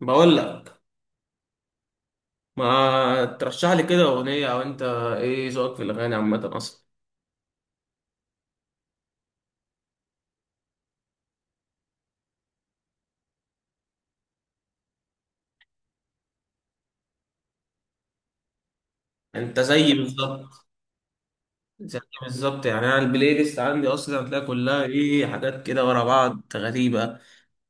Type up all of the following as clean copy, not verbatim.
بقول لك، ما ترشح لي كده اغنيه؟ او انت ايه ذوقك في الاغاني عامه اصلا؟ انت زيي بالظبط. زيي بالظبط يعني انا البلاي ليست عندي اصلا، هتلاقي كلها ايه، حاجات كده ورا بعض غريبه.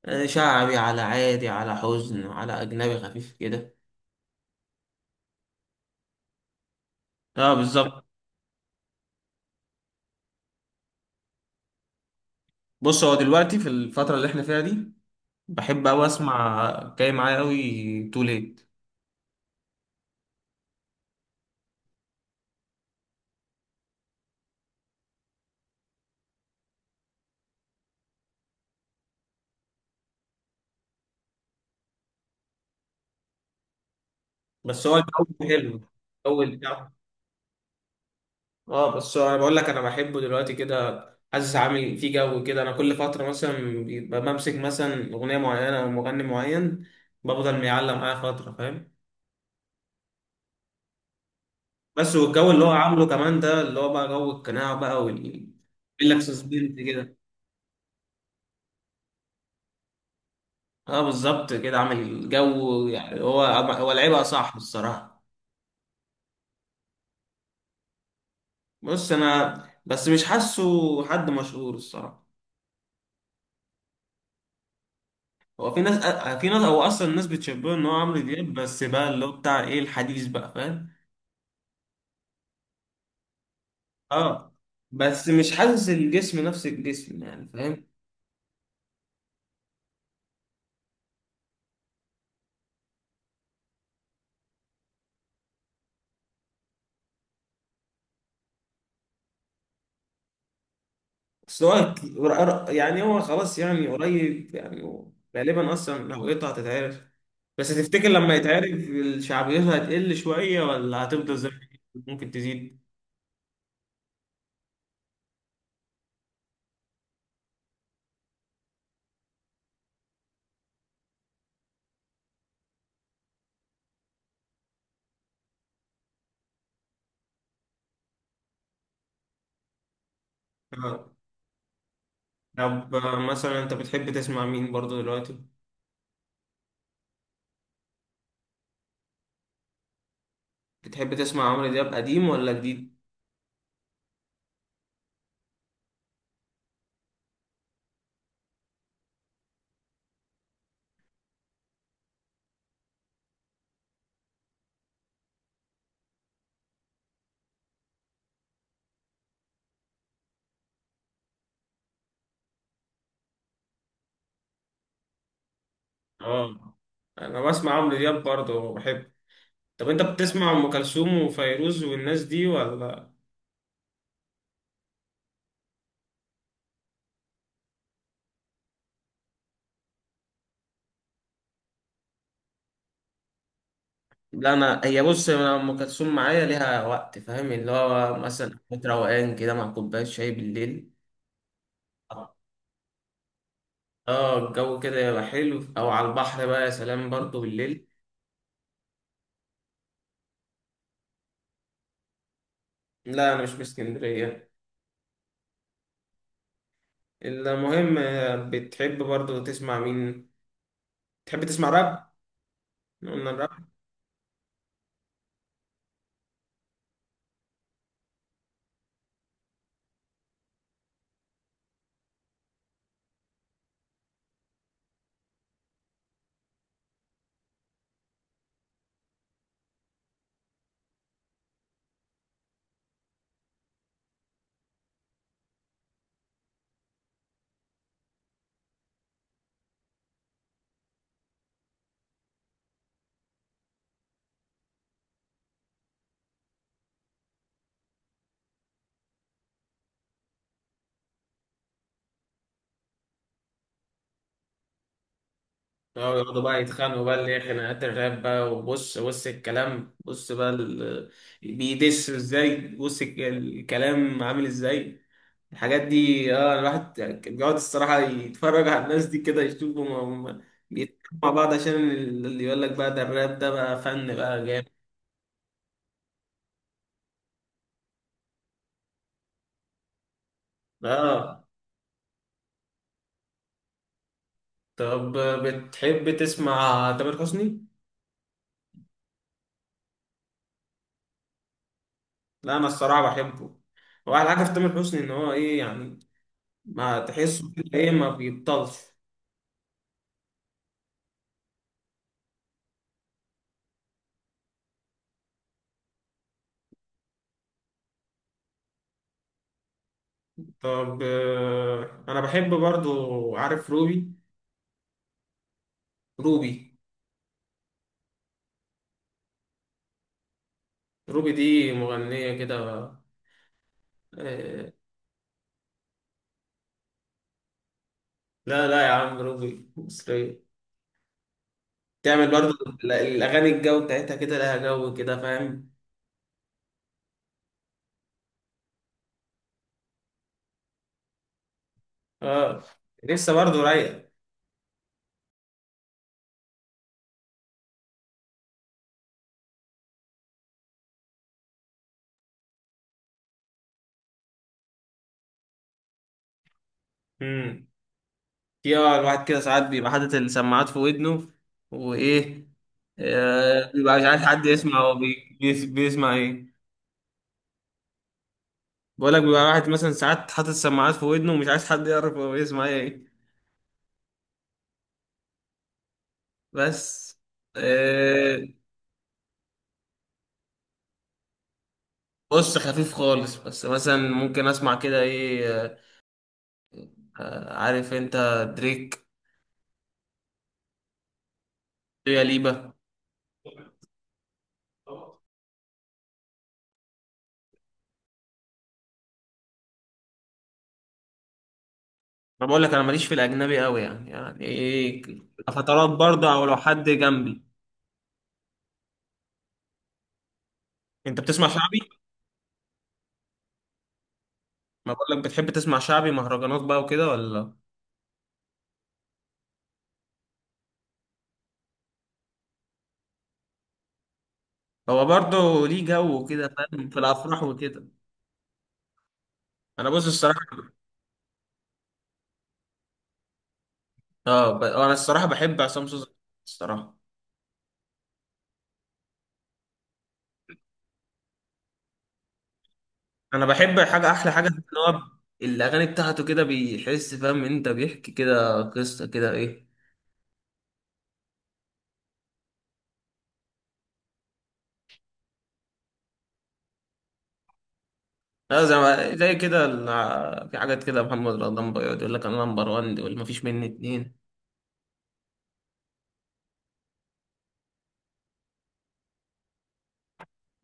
شعبي، على عادي، على حزن، على اجنبي خفيف كده. اه بالظبط. بص هو دلوقتي في الفتره اللي احنا فيها دي، بحب قوي اسمع جاي معايا قوي تو ليت. بس هو الجو حلو، الجو بتاعه. اه بس انا بقول لك انا بحبه دلوقتي كده. حاسس عامل فيه جو كده. انا كل فتره مثلا بيبقى بمسك مثلا اغنيه معينه او مغني معين، بفضل معلق معايا فتره فاهم. بس والجو اللي هو عامله كمان ده اللي هو بقى جو القناع بقى وال... يقول لك سسبنس كده. اه بالظبط كده، عامل جو. يعني هو لعيبه صح الصراحه. بص انا، بس مش حاسه حد مشهور الصراحه. هو في ناس، هو اصلا الناس بتشبهه ان هو عمرو دياب، بس بقى اللي هو بتاع ايه الحديث بقى فاهم. اه بس مش حاسس الجسم، نفس الجسم يعني فاهم. بس هو يعني هو خلاص، يعني قريب، يعني هو غالبا اصلا هويته هتتعرف. بس تفتكر لما يتعرف شعبيته هتقل شوية ولا هتفضل زي ما هي؟ ممكن تزيد. آه. طب، مثلا انت بتحب تسمع مين برضو دلوقتي؟ بتحب تسمع عمرو دياب قديم ولا جديد؟ اه انا بسمع عمرو دياب برضو بحب. طب انت بتسمع ام كلثوم وفيروز والناس دي ولا؟ لا انا هي بص، انا ام كلثوم معايا ليها وقت فاهم، اللي هو مثلا حفلة روقان كده مع كوبايه شاي بالليل. اه الجو كده يبقى حلو، او على البحر بقى يا سلام برضو بالليل. لا انا مش من اسكندريه. المهم، بتحب برضو تسمع مين؟ تحب تسمع راب؟ إحنا قلنا الراب. اه يقعدوا بقى يتخانقوا بقى، اللي هي خناقات الراب بقى، وبص بص الكلام، بص بقى ال... بيدس ازاي، بص الكلام عامل ازاي. الحاجات دي، اه الواحد كان بيقعد الصراحة يتفرج على الناس دي كده، يشوفهم هم بيتكلموا مع بعض، عشان اللي يقول لك بقى ده الراب ده بقى فن بقى جامد. اه. طب بتحب تسمع تامر حسني؟ لا انا الصراحة بحبه. هو احلى حاجة في تامر حسني ان هو ايه يعني، ما تحسه كده ايه، ما بيبطلش. طب انا بحب برضو، عارف روبي؟ روبي. روبي دي مغنية كده. آه، لا لا يا عم، روبي مصرية. تعمل برضو الاغاني الجو بتاعتها كده، لها جو كده فاهم. اه لسه برضو رايقه. امم يا الواحد كده ساعات بيبقى حاطط السماعات في ودنه وايه، بيبقى مش عارف حد يسمع هو بيسمع ايه. بقول لك بيبقى واحد مثلا ساعات حاطط السماعات في ودنه ومش عايز حد يعرف هو بيسمع ايه بس. آه، بص خفيف خالص، بس مثلا ممكن اسمع كده ايه، عارف انت دريك، يا ليبا. انا بقول لك انا ماليش في الاجنبي قوي، يعني يعني ايه، فترات برضه او لو حد جنبي. انت بتسمع شعبي؟ ما بقول لك بتحب تسمع شعبي مهرجانات بقى وكده ولا؟ هو برضه ليه جو كده فاهم، في الافراح وكده. انا بص الصراحه، اه انا الصراحه بحب عصام صوصه الصراحه. انا بحب حاجه، احلى حاجه ان هو الاغاني بتاعته كده بيحس فاهم، انت بيحكي كده قصه كده ايه. لا زي ما في حاجات كده محمد رمضان بيقعد يقول لك انا نمبر 1 واللي مفيش مني اتنين.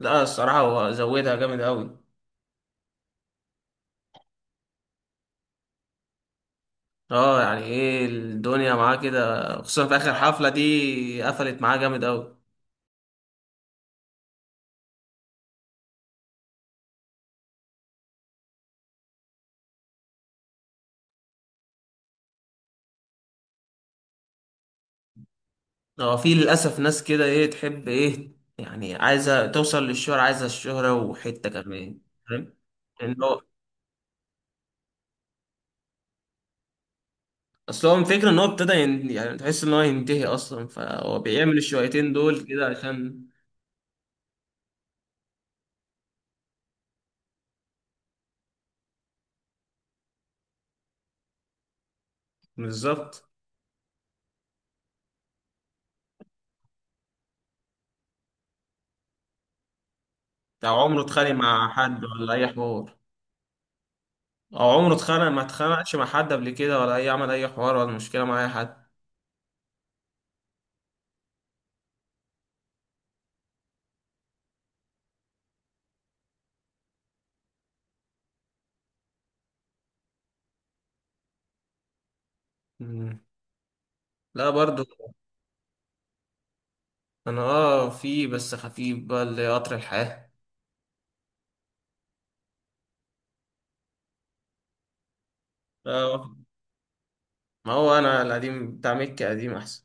لا الصراحة هو زودها جامد أوي. اه يعني ايه الدنيا معاه كده، خصوصا في آخر حفلة دي قفلت معاه جامد أوي. اه في للأسف ناس كده ايه تحب ايه، يعني عايزة توصل للشهرة، عايزة الشهرة وحتة كمان فاهم. ان هو اصل هو الفكرة ان هو ابتدى يعني تحس ان هو ينتهي اصلا، فهو بيعمل الشويتين دول كده عشان. بالظبط. او عمره اتخانق مع حد ولا اي حوار؟ او عمره اتخانق، ما اتخانقش مع حد قبل كده ولا اي عمل اي حوار ولا مشكلة مع اي حد؟ لا برضو. انا اه في بس خفيف بقى اللي قطر الحياة. آه، ما هو انا القديم بتاع مكة قديم احسن.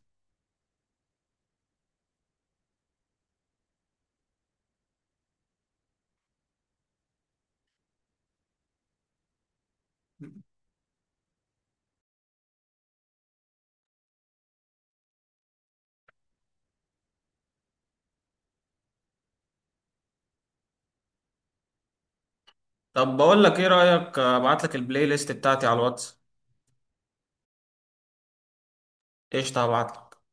طب بقول لك ايه رأيك، ابعت لك البلاي ليست بتاعتي على الواتس؟ قشطة هبعت لك